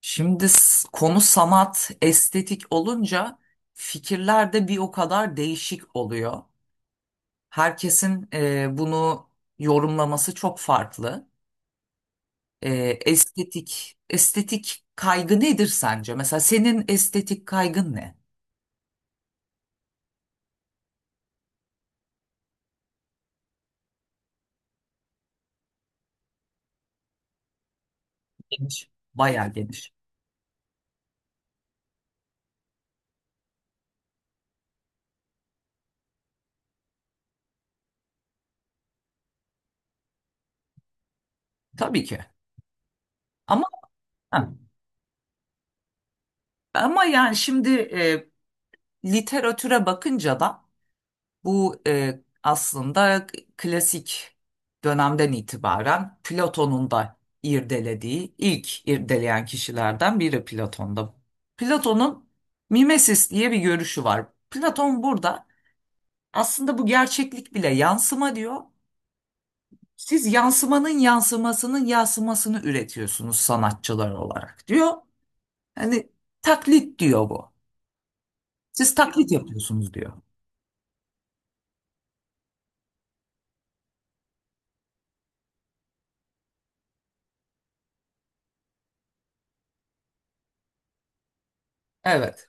Şimdi konu sanat, estetik olunca fikirler de bir o kadar değişik oluyor. Herkesin bunu yorumlaması çok farklı. E, estetik kaygı nedir sence? Mesela senin estetik kaygın ne? Geniş. Bayağı geniş. Tabii ki. Ama ha, ama yani şimdi e, literatüre bakınca da bu aslında klasik dönemden itibaren Platon'un da irdelediği, ilk irdeleyen kişilerden biri Platon'da. Platon'un mimesis diye bir görüşü var. Platon burada aslında bu gerçeklik bile yansıma diyor. Siz yansımanın yansımasının yansımasını üretiyorsunuz sanatçılar olarak diyor. Hani taklit diyor bu. Siz taklit yapıyorsunuz diyor. Evet.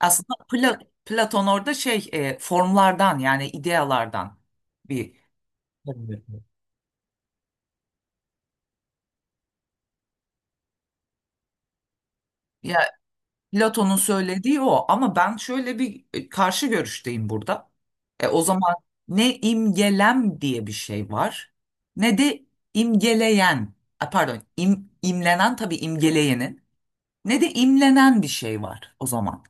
Aslında Platon orada formlardan yani idealardan bir. Evet. Ya, Platon'un söylediği o, ama ben şöyle bir karşı görüşteyim burada. O zaman ne imgelem diye bir şey var ne de imgeleyen, pardon, imlenen, tabii imgeleyenin ne de imlenen bir şey var o zaman.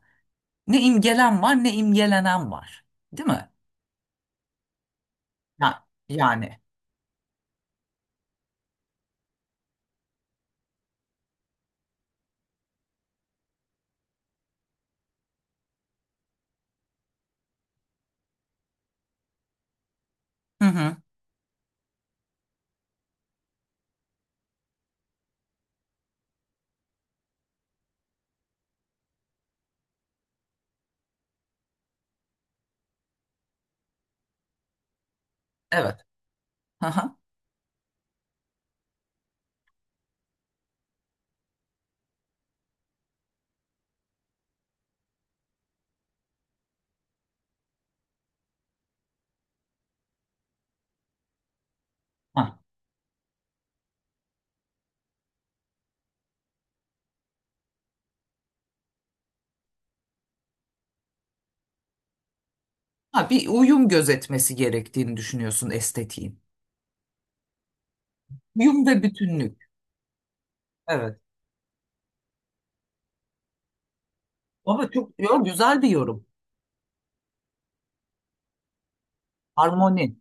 Ne imgelen var ne imgelenen var. Değil mi? Ya, yani. Hı hı. Evet. Hı hı. Ha, bir uyum gözetmesi gerektiğini düşünüyorsun estetiğin. Uyum ve bütünlük. Evet. Ama çok güzel bir yorum. Harmoni.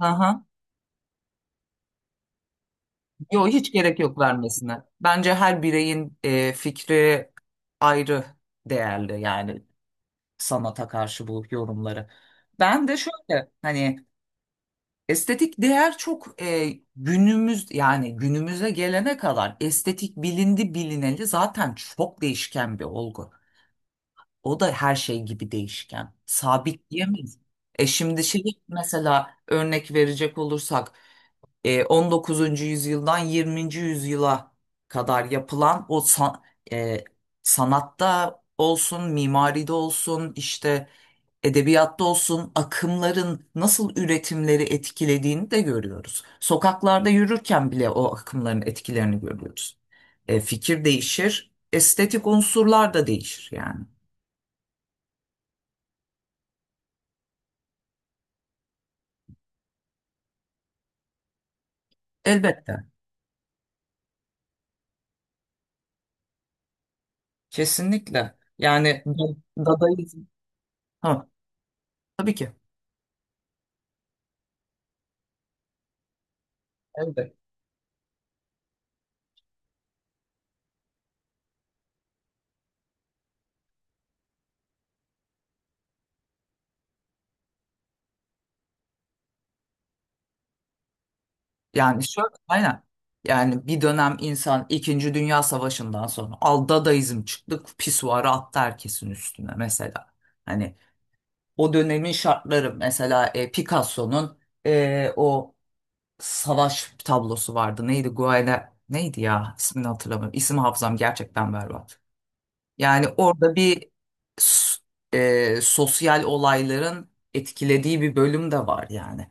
Aha. Yo, hiç gerek yok vermesine. Bence her bireyin fikri ayrı değerli, yani sanata karşı bu yorumları. Ben de şöyle hani estetik değer çok, günümüze gelene kadar estetik bilindi bilineli zaten çok değişken bir olgu. O da her şey gibi değişken. Sabit diyemeyiz. Şimdi mesela örnek verecek olursak 19. yüzyıldan 20. yüzyıla kadar yapılan o e, sanatta olsun, mimaride olsun, işte edebiyatta olsun akımların nasıl üretimleri etkilediğini de görüyoruz. Sokaklarda yürürken bile o akımların etkilerini görüyoruz. Fikir değişir, estetik unsurlar da değişir yani. Elbette. Kesinlikle. Yani, Dadaizm. Ha, tabii ki. Evet. Yani, şöyle aynen. Yani bir dönem insan İkinci Dünya Savaşı'ndan sonra al Dadaizm çıktı, pisuarı attı herkesin üstüne mesela. Hani o dönemin şartları mesela Picasso'nun o savaş tablosu vardı. Neydi? Guernica neydi ya? İsmini hatırlamıyorum. İsim hafızam gerçekten berbat. Yani orada bir s- sosyal olayların etkilediği bir bölüm de var yani.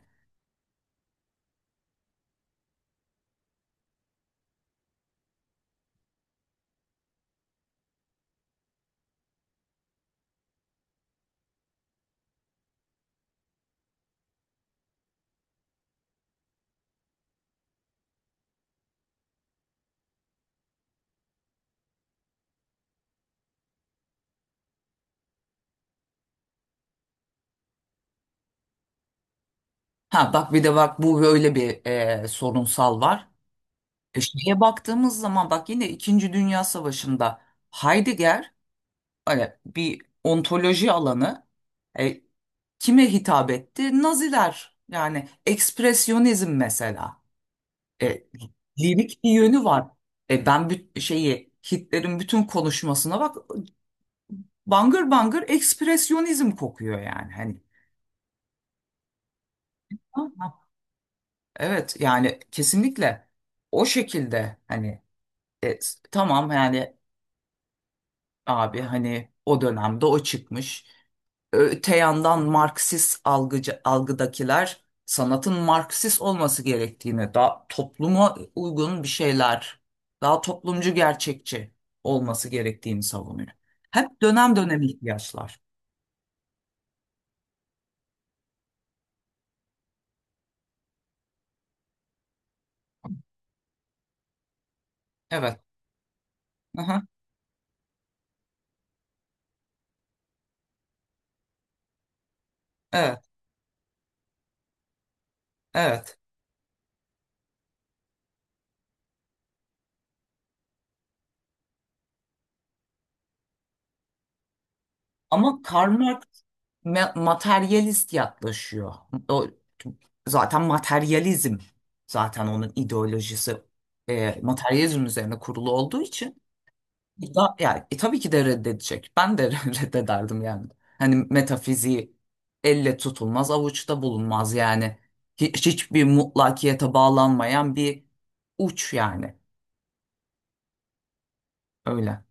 Ha, bak, bir de bak, bu böyle bir sorunsal var. Şeye baktığımız zaman, bak, yine İkinci Dünya Savaşı'nda Heidegger, hani bir ontoloji alanı, e, kime hitap etti? Naziler, yani ekspresyonizm mesela. E, Lirik bir yönü var. Ben şeyi, Hitler'in bütün konuşmasına bak, bangır bangır ekspresyonizm kokuyor yani, hani. Aha. Evet, yani kesinlikle o şekilde, hani tamam yani, abi, hani o dönemde o çıkmış. Öte yandan Marksist algıcı, algıdakiler sanatın Marksist olması gerektiğini, daha topluma uygun bir şeyler, daha toplumcu gerçekçi olması gerektiğini savunuyor. Hep dönem dönem ihtiyaçlar. Evet. Aha, evet. Evet. Ama Karl Marx materyalist yaklaşıyor. O, zaten materyalizm, zaten onun ideolojisi materyalizm üzerine kurulu olduğu için yani, tabii ki de reddedecek. Ben de reddederdim yani. Hani metafiziği elle tutulmaz, avuçta bulunmaz yani. Hiç, hiçbir mutlakiyete bağlanmayan bir uç yani. Öyle.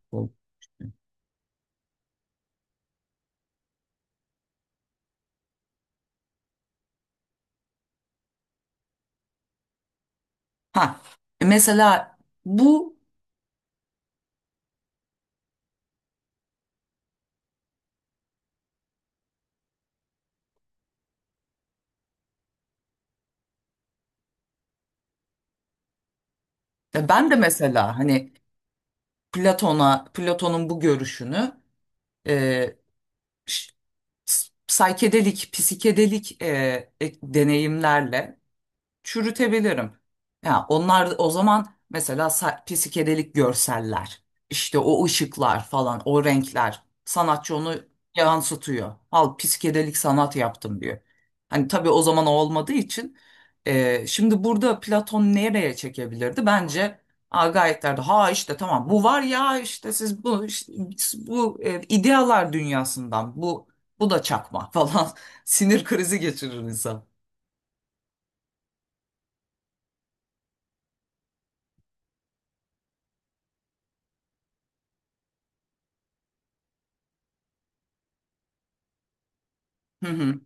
Ha, e, mesela bu Ben de mesela hani Platon'a, Platon'un bu görüşünü e, ş- saykedelik, psikedelik deneyimlerle çürütebilirim. Ya onlar o zaman mesela psikedelik görseller, işte o ışıklar falan, o renkler, sanatçı onu yansıtıyor. Al, psikedelik sanat yaptım diyor. Hani tabii o zaman o olmadığı için şimdi burada Platon nereye çekebilirdi? Bence Agayitlerde, ha, işte tamam, bu var ya işte, siz bu işte bu idealar dünyasından, bu bu da çakma falan, sinir krizi geçirir insan. Hı hı,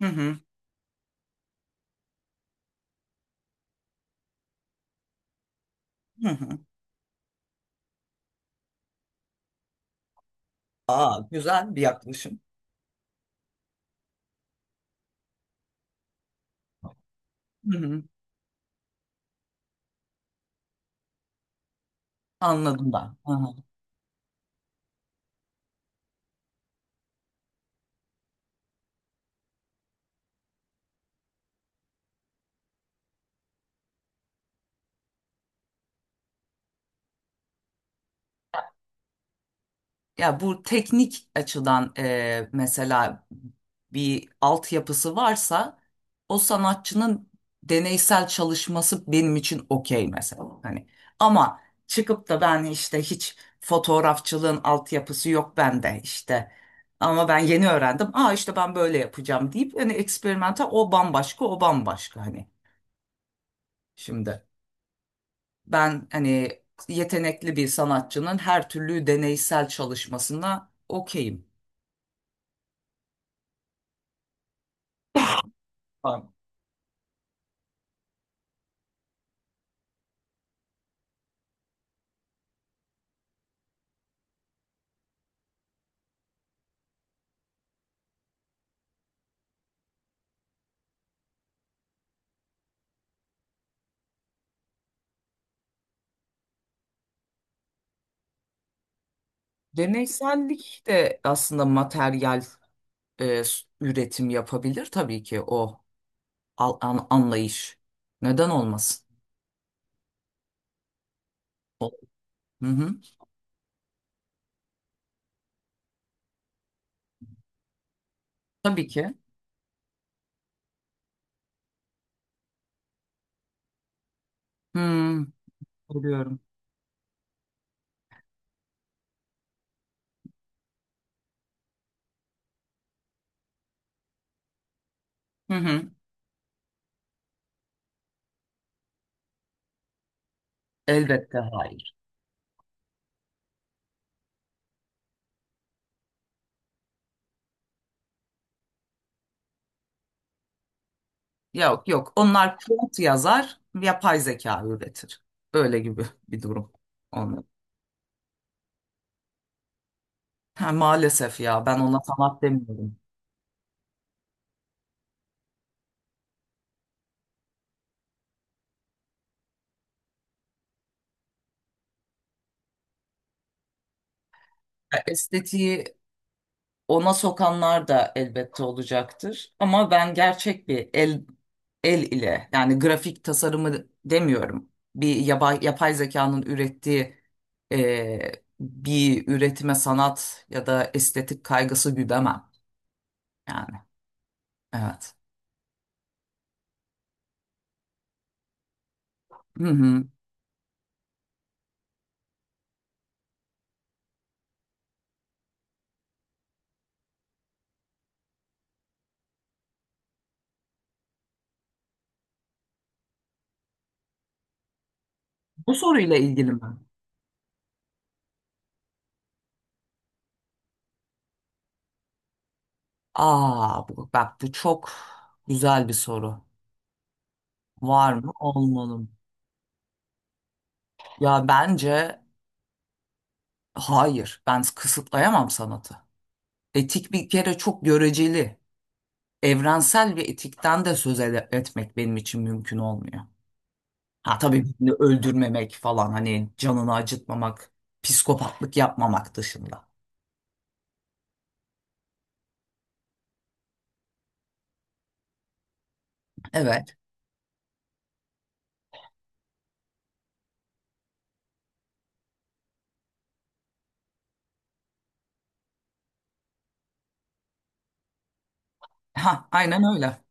hı hı. Hı hı. Aa, güzel bir yaklaşım. Hı hı, anladım ben. Hı hı. Ya, bu teknik açıdan mesela bir altyapısı varsa o sanatçının deneysel çalışması benim için okey mesela. Hani ama çıkıp da ben işte, hiç fotoğrafçılığın altyapısı yok bende işte. Ama ben yeni öğrendim. Aa, işte ben böyle yapacağım deyip hani eksperimental, o bambaşka, o bambaşka hani, şimdi. Ben hani yetenekli bir sanatçının her türlü deneysel çalışmasına okeyim. Tamam. Deneysellik de aslında materyal üretim yapabilir, tabii ki o anlayış. Neden olmasın? O. Hı hı. Tabii ki. Hmm, biliyorum. Hı hı. Elbette hayır. Yok, yok. Onlar kod yazar, yapay zeka üretir. Öyle gibi bir durum. Onlar. Ha, maalesef, ya ben ona sanat demiyorum. Ya, estetiği ona sokanlar da elbette olacaktır. Ama ben gerçek bir el ile, yani grafik tasarımı demiyorum, bir yapay zekanın ürettiği e, bir üretime sanat ya da estetik kaygısı güdemem. Yani, evet. Hı hı. Bu soruyla ilgili mi? Aa, bak, bu çok güzel bir soru. Var mı? Olmalı mı? Ya, bence hayır. Ben kısıtlayamam sanatı. Etik bir kere çok göreceli. Evrensel bir etikten de söz etmek benim için mümkün olmuyor. Ha, tabii birini öldürmemek falan, hani canını acıtmamak, psikopatlık yapmamak dışında. Evet. Ha, aynen öyle.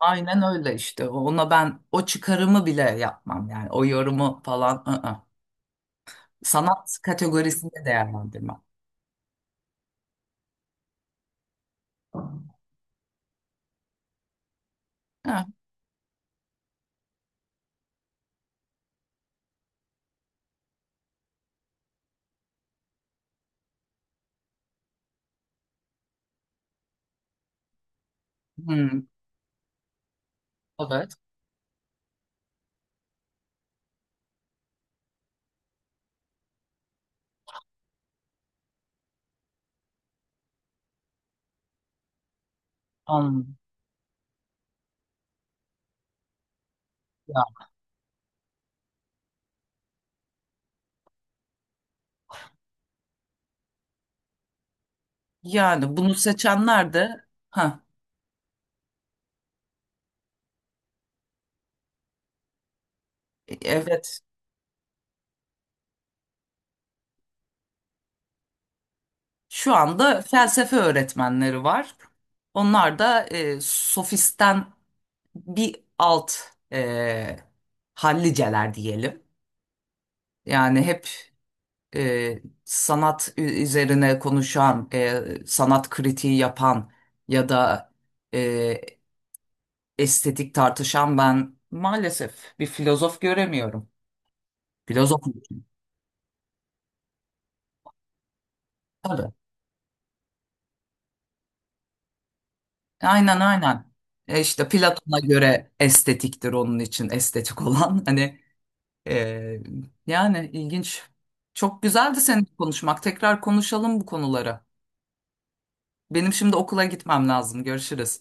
Aynen öyle işte. Ona ben o çıkarımı bile yapmam yani. O yorumu falan, ı-ı. Sanat kategorisinde değerlendirmem. Ha. Hmm, evet. Anladım. Ya. Yani bunu seçenler de ha evet. Şu anda felsefe öğretmenleri var. Onlar da sofisten bir alt e, halliceler diyelim. Yani hep sanat üzerine konuşan, sanat kritiği yapan ya da e, estetik tartışan ben, maalesef bir filozof göremiyorum. Filozof mu? Tabii. Aynen, aynen. İşte Platon'a göre estetiktir onun için estetik olan. Hani. Ee, Yani, ilginç. Çok güzeldi seninle konuşmak. Tekrar konuşalım bu konuları. Benim şimdi okula gitmem lazım. Görüşürüz.